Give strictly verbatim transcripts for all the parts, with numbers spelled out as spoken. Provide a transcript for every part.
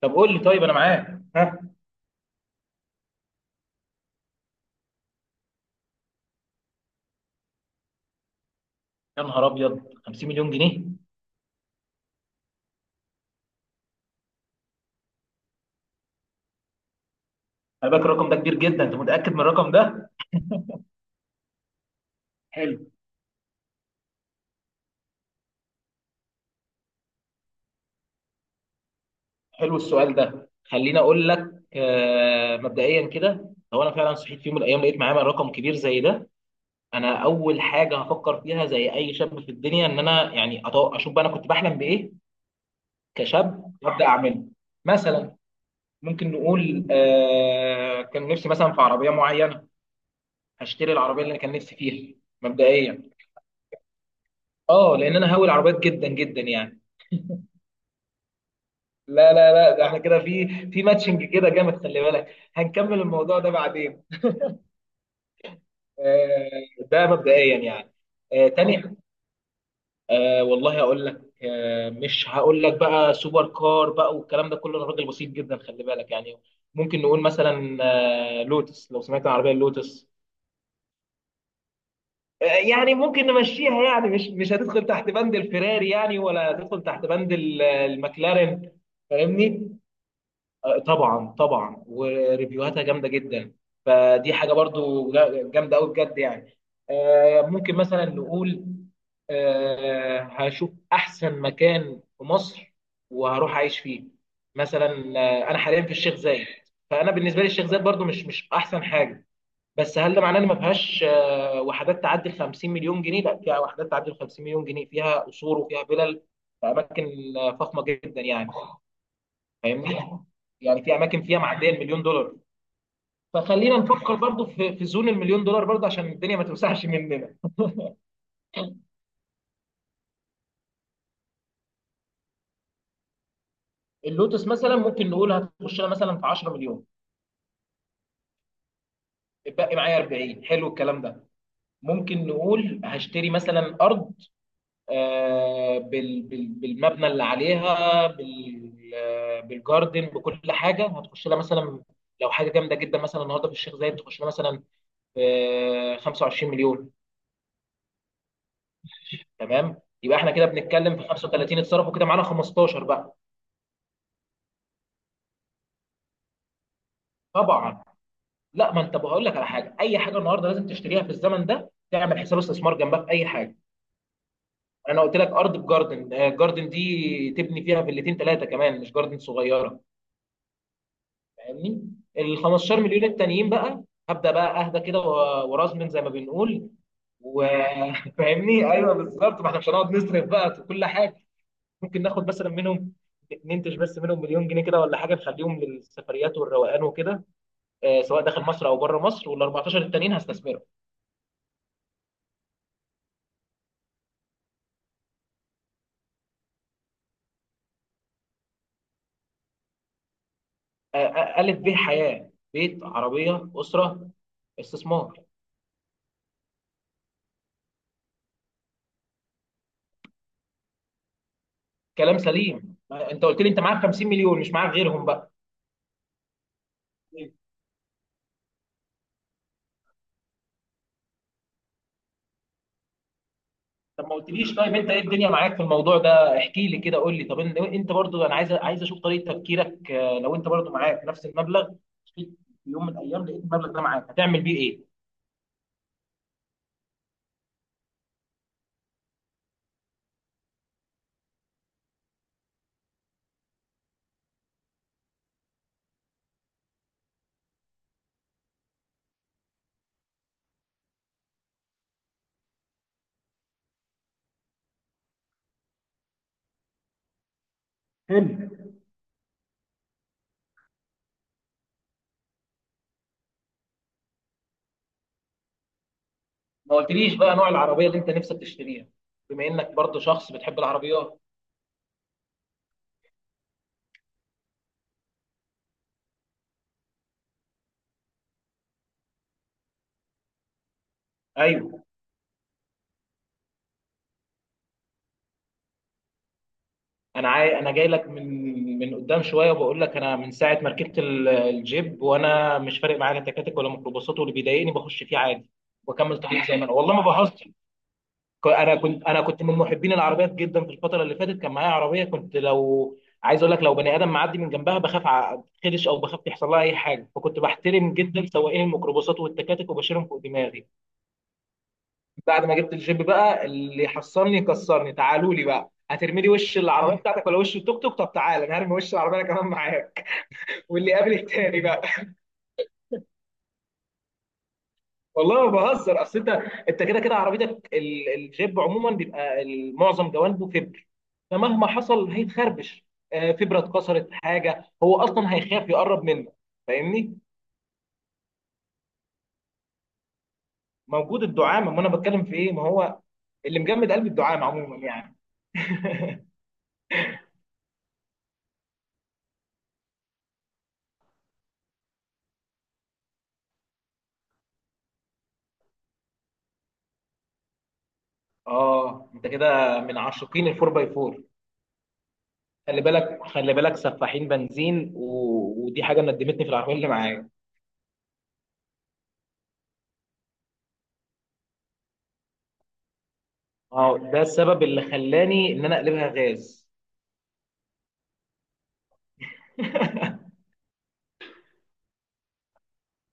طب قول لي، طيب انا معاك، ها؟ يا نهار ابيض، خمسين مليون جنيه! انا فاكر الرقم ده كبير جدا، انت متاكد من الرقم ده؟ حلو. حلو، السؤال ده خليني اقول لك، آه مبدئيا كده، لو انا فعلا صحيت في يوم من الايام لقيت معايا رقم كبير زي ده، انا اول حاجه هفكر فيها زي اي شاب في الدنيا، ان انا يعني أط- اشوف بقى انا كنت بحلم بايه كشاب، وابدا اعمله. مثلا، ممكن نقول آه كان نفسي مثلا في عربيه معينه، هشتري العربيه اللي انا كان نفسي فيها. مبدئيا. اه، لان انا هاوي العربيات جدا جدا يعني. لا لا لا، ده احنا كده في في ماتشنج كده جامد، خلي بالك. هنكمل الموضوع ده بعدين. آه، ده مبدئيا يعني. آه، تاني. آه، والله هقول لك، آه، مش هقول لك بقى سوبر كار بقى والكلام ده كله، انا راجل بسيط جدا خلي بالك يعني. ممكن نقول مثلا، آه، لوتس، لو سمعت عن العربيه اللوتس. آه، يعني ممكن نمشيها يعني، مش مش هتدخل تحت بند الفيراري يعني، ولا هتدخل تحت بند ال- المcLaren. فاهمني. آه، طبعا طبعا، وريفيوهاتها جامده جدا. فدي حاجه برضو جا- جامده قوي بجد يعني. آه، ممكن مثلا نقول، آه، هشوف احسن مكان في مصر وهروح اعيش فيه، مثلا. آه، انا حاليا في الشيخ زايد، فانا بالنسبه لي الشيخ زايد برضو مش مش احسن حاجه. بس هل ده معناه ان ما فيهاش آه، وحدات تعدي ال خمسين مليون جنيه؟ لا، فيها وحدات تعدي ال خمسين مليون جنيه، فيها قصور وفيها فلل، في اماكن آه، فخمه جدا يعني. فاهمني. يعني في اماكن فيها معديه المليون دولار، فخلينا نفكر برضو في في زون المليون دولار برضو، عشان الدنيا ما توسعش مننا. اللوتس مثلا ممكن نقول هتخش لها مثلا في عشرة مليون. اتبقي معايا اربعين، حلو الكلام ده. ممكن نقول هشتري مثلا ارض، آه، بال- بال- بالمبنى اللي عليها، بال- آه، بالجاردن، بكل حاجه، هتخش لها مثلا لو حاجه جامده جدا، مثلا النهارده في الشيخ زايد، تخش لها مثلا آه، خمسة وعشرين مليون. تمام، يبقى احنا كده بنتكلم في خمسة وثلاثين، اتصرفوا كده، معانا خمستاشر بقى. طبعا. لا، ما انت بقول لك على حاجه، اي حاجه النهارده لازم تشتريها في الزمن ده، تعمل حساب استثمار جنبها في اي حاجه. انا قلت لك ارض بجاردن، آه، جاردن دي تبني فيها فيلتين ثلاثه كمان، مش جاردن صغيره. فاهمني. ال خمستاشر مليون التانيين بقى، هبدا بقى اهدى كده و- ورزمن زي ما بنقول. وفاهمني ايوه بالظبط، ما احنا مش هنقعد نصرف بقى في كل حاجه. ممكن ناخد مثلا منهم، ننتج بس منهم مليون جنيه كده ولا حاجه، نخليهم للسفريات والروقان وكده، آه، سواء داخل مصر او بره مصر، وال اربعتاشر التانيين هستثمرهم. آه، آه، الف ب حياه، بيت، عربيه، اسره، استثمار. كلام سليم، ما- انت قلت لي انت معاك خمسين مليون، مش معاك غيرهم بقى. طب ما قلتليش، طيب انت ايه الدنيا معاك في الموضوع ده؟ احكي لي كده، قول لي طب ان- انت برضو، انا عايز عايز اشوف طريقه تفكيرك، آه، لو انت برضو معاك نفس المبلغ في يوم من الايام لقيت المبلغ ده معاك، هتعمل بيه ايه؟ حلو. ما قلتليش بقى نوع العربيه اللي انت نفسك تشتريها، بما انك برضه شخص بتحب العربيات. ايوه. انا عاي... انا جاي لك من من قدام شويه، وبقول لك انا من ساعه ما ركبت ال- الجيب، وانا مش فارق معايا لا تكاتك ولا ميكروباصات، واللي بيضايقني بخش فيه عادي واكمل طريق زي ما انا والله ما بهزر. ك- انا كنت انا كنت من محبين العربيات جدا، في الفتره اللي فاتت كان معايا عربيه، كنت لو عايز اقول لك لو بني ادم معدي من جنبها بخاف ع- اتخدش، او بخاف يحصل لها اي حاجه، فكنت بحترم جدا سواقين الميكروباصات والتكاتك، وبشيلهم فوق دماغي. بعد ما جبت الجيب بقى، اللي يحصلني يكسرني، تعالوا لي بقى، هترمي لي وش العربيه بتاعتك ولا وش التوك توك؟ طب تعالى، انا هرمي وش العربيه، انا كمان معاك. واللي قابل التاني بقى. والله ما بهزر، اصل انت، انت كده كده عربيتك ال- الجيب عموما، بيبقى ال- معظم جوانبه فبر، فمهما حصل هيتخربش. آه، فبره اتكسرت حاجه، هو اصلا هيخاف يقرب منك. فاهمني. موجود الدعامه، ما انا بتكلم في ايه، ما هو اللي مجمد قلبي الدعامه عموما يعني. اه، انت كده من عاشقين الفور باي فور. خلي بالك خلي بالك، سفاحين بنزين، و... ودي حاجه ندمتني في العربيه اللي معايا. اه، ده السبب اللي خلاني ان انا اقلبها غاز.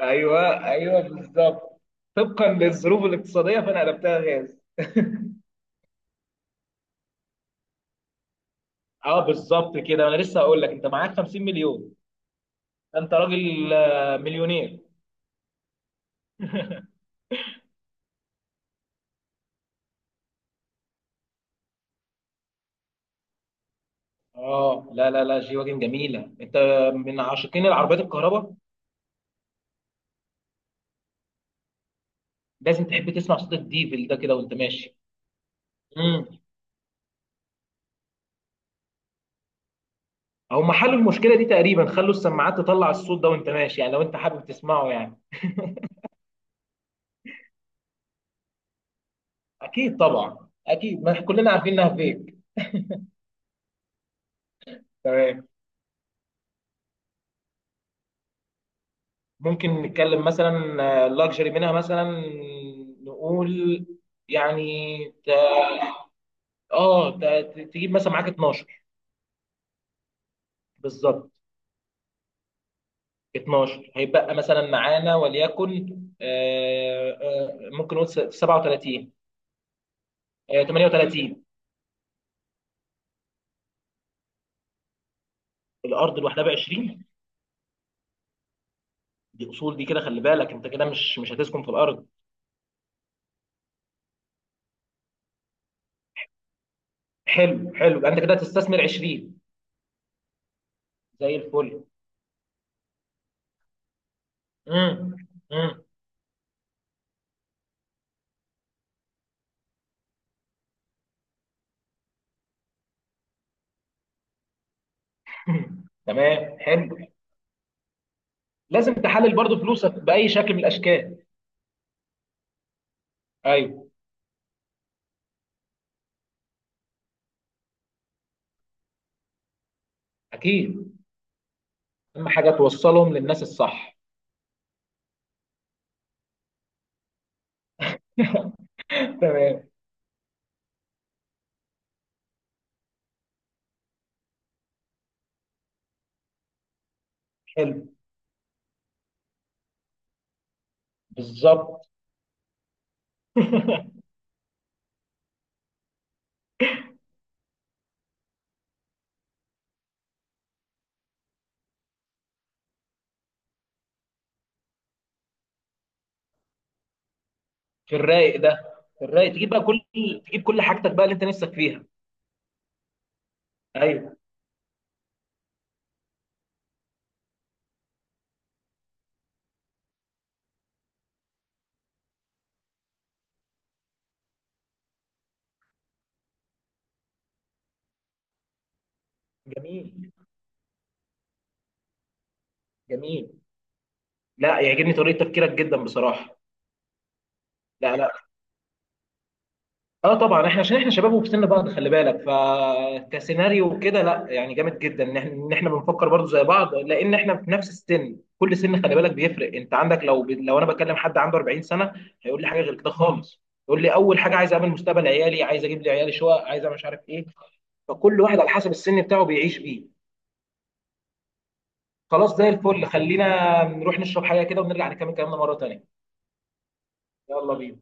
ايوه ايوه، بالظبط. طبقا للظروف الاقتصاديه، فانا قلبتها غاز. اه بالظبط، كده انا لسه هقول لك انت معاك خمسين مليون، انت راجل آه، مليونير. اه، لا لا لا، جي واجن جميله، انت من عاشقين العربيات الكهرباء. لازم تحب تسمع صوت الديفل ده كده وانت ماشي. او محل المشكله دي تقريبا، خلوا السماعات تطلع الصوت ده وانت ماشي يعني، لو انت حابب تسمعه يعني. اكيد طبعا، اكيد، ما إحنا كلنا عارفين انها فيك. تمام. ممكن نتكلم مثلا، لاكجري منها مثلا، نقول، يعني ت- اه، ت- ت- تجيب مثلا معاك اتناشر. بالظبط. اتناشر هيبقى مثلا معانا، وليكن آه، آه، ممكن نقول سبعة وتلاتين، آه، تمنية وتلاتين. الارض لوحدها ب عشرين. دي اصول دي، كده خلي بالك، انت كده مش مش هتسكن في الارض. حلو حلو، يبقى انت كده هتستثمر عشرين. زي الفل. امم امم. تمام، حلو. لازم تحلل برضو فلوسك باي شكل من الاشكال. ايوه اكيد. اهم حاجه توصلهم للناس الصح. تمام. حلو. بالظبط في الرايق ده، في الرايق تجيب بقى كل، تجيب كل حاجتك بقى اللي انت نفسك فيها. ايوه. جميل جميل. لا، يعجبني طريقه تفكيرك جدا بصراحه. لا لا. اه طبعا، احنا عشان احنا شباب وفي سن بعض، خلي بالك، فكسيناريو كده لا، يعني جامد جدا ان احنا ان احنا بنفكر برضو زي بعض، لان احنا في نفس السن، كل سن خلي بالك بيفرق، انت عندك لو ب... لو انا بكلم حد عنده اربعين سنه، هيقول لي حاجه غير كده خالص. يقول لي اول حاجه عايز اعمل مستقبل عيالي، عايز اجيب لي عيالي شقق، عايز أعمل مش عارف ايه. فكل واحد على حسب السن بتاعه بيعيش بيه. خلاص، زي الفل، خلينا نروح نشرب حاجه كده ونرجع نكمل كلامنا مره تانيه. يلا بينا.